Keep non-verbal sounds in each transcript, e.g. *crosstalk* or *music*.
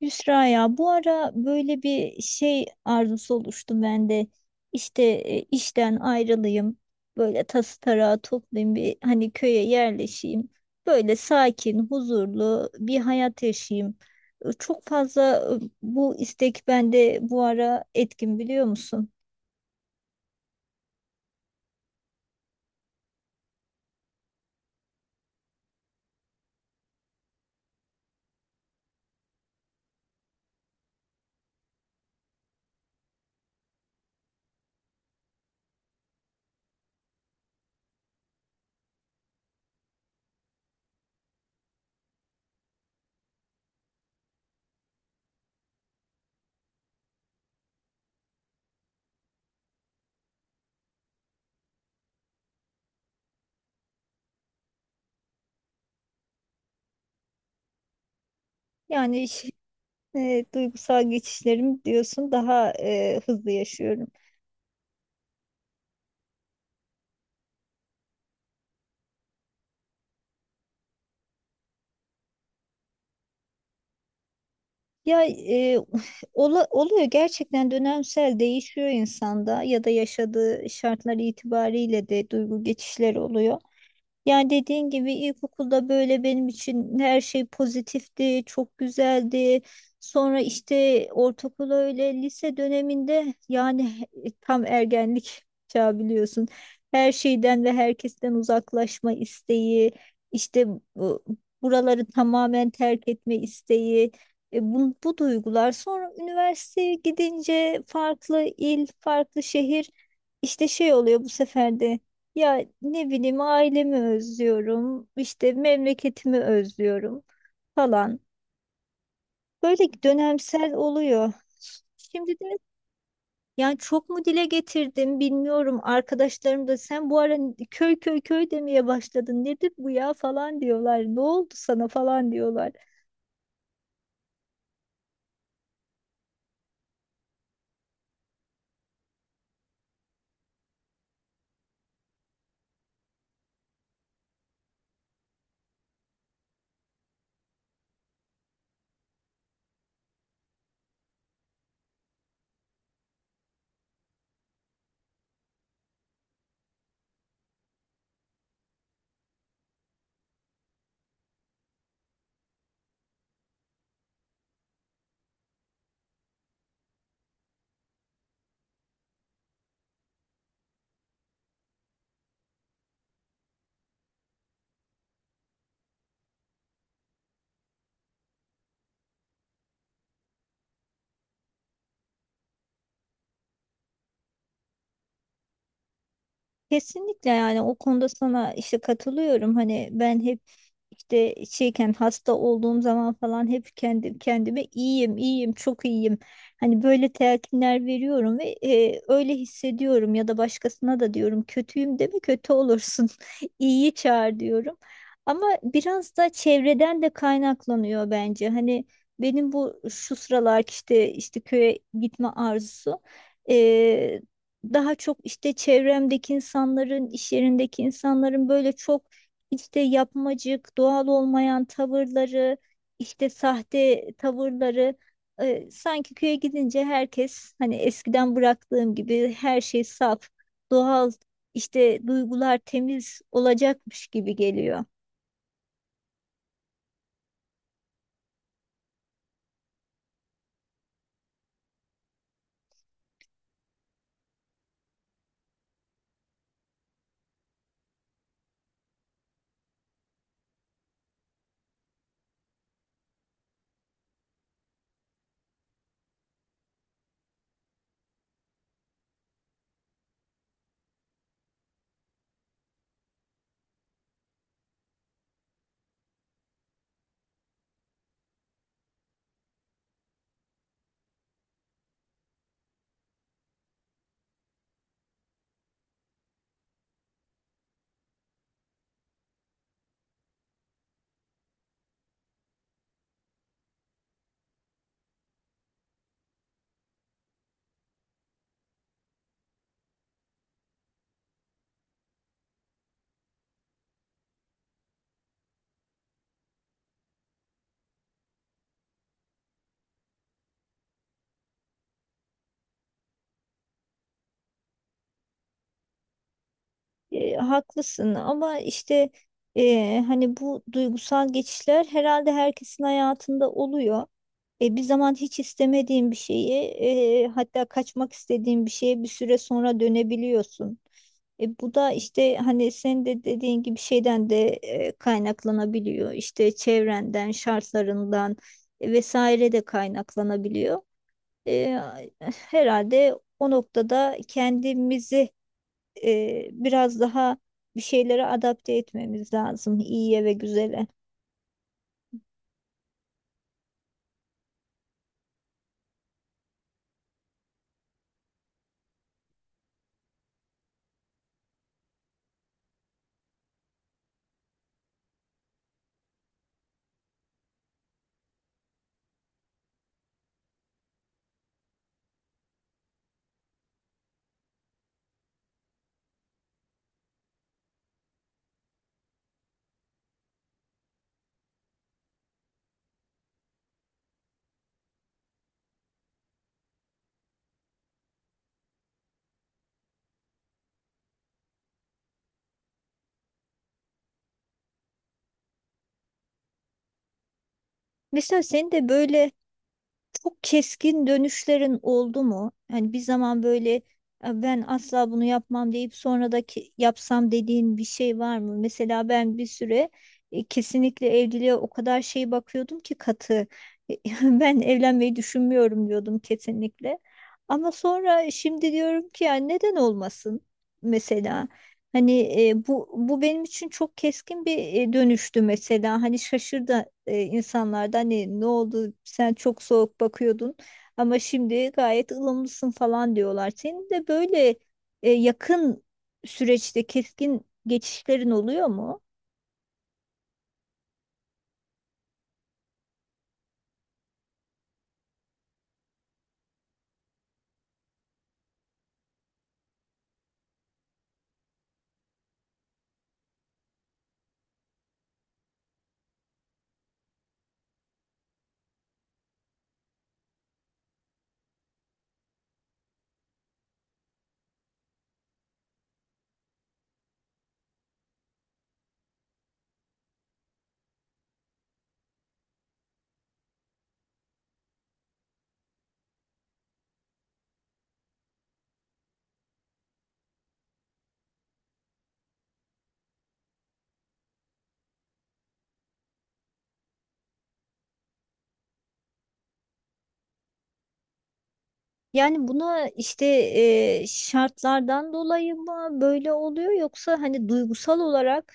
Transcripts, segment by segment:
Yusra ya bu ara böyle bir şey arzusu oluştu bende. İşte işten ayrılayım. Böyle tası tarağı toplayayım bir hani köye yerleşeyim. Böyle sakin, huzurlu bir hayat yaşayayım. Çok fazla bu istek bende bu ara etkin, biliyor musun? Yani iş- Duygusal geçişlerim diyorsun, daha hızlı yaşıyorum. Ya e, *laughs* oluyor gerçekten, dönemsel değişiyor insanda ya da yaşadığı şartlar itibariyle de duygu geçişleri oluyor. Yani dediğin gibi ilkokulda böyle benim için her şey pozitifti, çok güzeldi. Sonra işte ortaokul öyle, lise döneminde yani tam ergenlik *laughs* çağı biliyorsun. Her şeyden ve herkesten uzaklaşma isteği, işte bu- buraları tamamen terk etme isteği. Bu duygular sonra üniversiteye gidince farklı il, farklı şehir işte şey oluyor bu sefer de. Ya ne bileyim, ailemi özlüyorum, işte memleketimi özlüyorum falan. Böyle dönemsel oluyor. Şimdi de yani çok mu dile getirdim bilmiyorum. Arkadaşlarım da sen bu ara köy köy köy demeye başladın, nedir bu ya falan diyorlar. Ne oldu sana falan diyorlar. Kesinlikle, yani o konuda sana işte katılıyorum. Hani ben hep işte şeyken, hasta olduğum zaman falan hep kendim kendime iyiyim, iyiyim, çok iyiyim. Hani böyle telkinler veriyorum ve öyle hissediyorum ya da başkasına da diyorum kötüyüm deme, kötü olursun. *laughs* İyiyi çağır diyorum. Ama biraz da çevreden de kaynaklanıyor bence. Hani benim bu şu sıralar işte köye gitme arzusu daha çok işte çevremdeki insanların, iş yerindeki insanların böyle çok işte yapmacık, doğal olmayan tavırları, işte sahte tavırları, sanki köye gidince herkes hani eskiden bıraktığım gibi her şey saf, doğal, işte duygular temiz olacakmış gibi geliyor. Haklısın ama işte hani bu duygusal geçişler herhalde herkesin hayatında oluyor. Bir zaman hiç istemediğin bir şeyi, hatta kaçmak istediğin bir şeye bir süre sonra dönebiliyorsun. Bu da işte hani senin de dediğin gibi şeyden de kaynaklanabiliyor. İşte çevrenden, şartlarından vesaire de kaynaklanabiliyor. E, Herhalde o noktada kendimizi biraz daha bir şeylere adapte etmemiz lazım, iyiye ve güzele. Mesela senin de böyle çok keskin dönüşlerin oldu mu? Hani bir zaman böyle "Ya ben asla bunu yapmam" deyip sonra da yapsam dediğin bir şey var mı? Mesela ben bir süre kesinlikle evliliğe o kadar şey bakıyordum ki, katı. *laughs* Ben evlenmeyi düşünmüyorum diyordum kesinlikle. Ama sonra şimdi diyorum ki ya neden olmasın mesela? Hani bu benim için çok keskin bir dönüştü mesela. Hani şaşırdı insanlarda, hani ne oldu sen çok soğuk bakıyordun ama şimdi gayet ılımlısın falan diyorlar. Senin de böyle yakın süreçte keskin geçişlerin oluyor mu? Yani buna işte şartlardan dolayı mı böyle oluyor yoksa hani duygusal olarak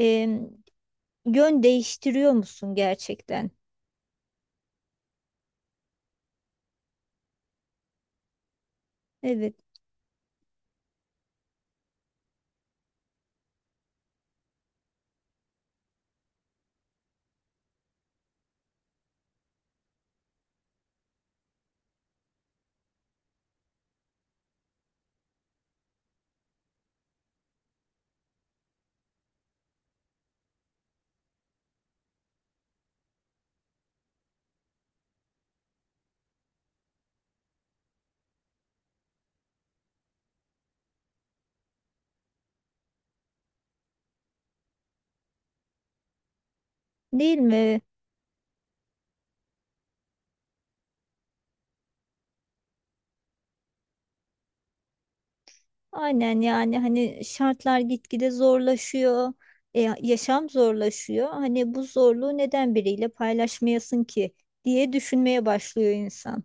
e, yön değiştiriyor musun gerçekten? Evet, değil mi? Aynen, yani hani şartlar gitgide zorlaşıyor, yaşam zorlaşıyor. Hani bu zorluğu neden biriyle paylaşmayasın ki diye düşünmeye başlıyor insan.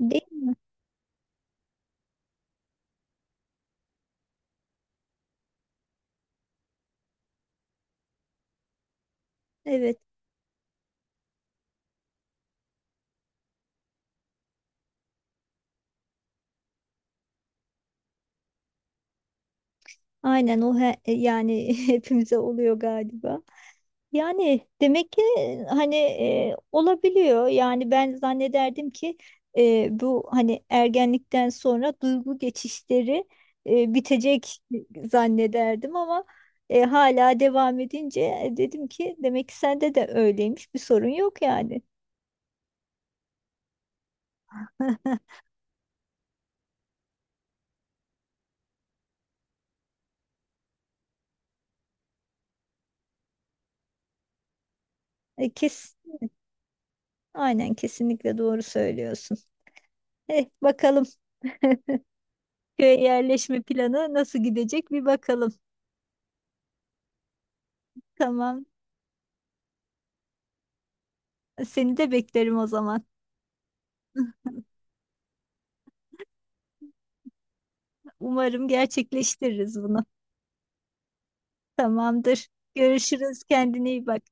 Değil mi? Evet, aynen yani *laughs* hepimize oluyor galiba. Yani demek ki hani olabiliyor. Yani ben zannederdim ki bu hani ergenlikten sonra duygu geçişleri bitecek zannederdim ama hala devam edince dedim ki demek ki sende de öyleymiş. Bir sorun yok yani. *laughs* E, kes, aynen kesinlikle doğru söylüyorsun. Eh, bakalım *laughs* köye yerleşme planı nasıl gidecek, bir bakalım. Tamam. Seni de beklerim o zaman. Umarım gerçekleştiririz bunu. Tamamdır. Görüşürüz. Kendine iyi bak.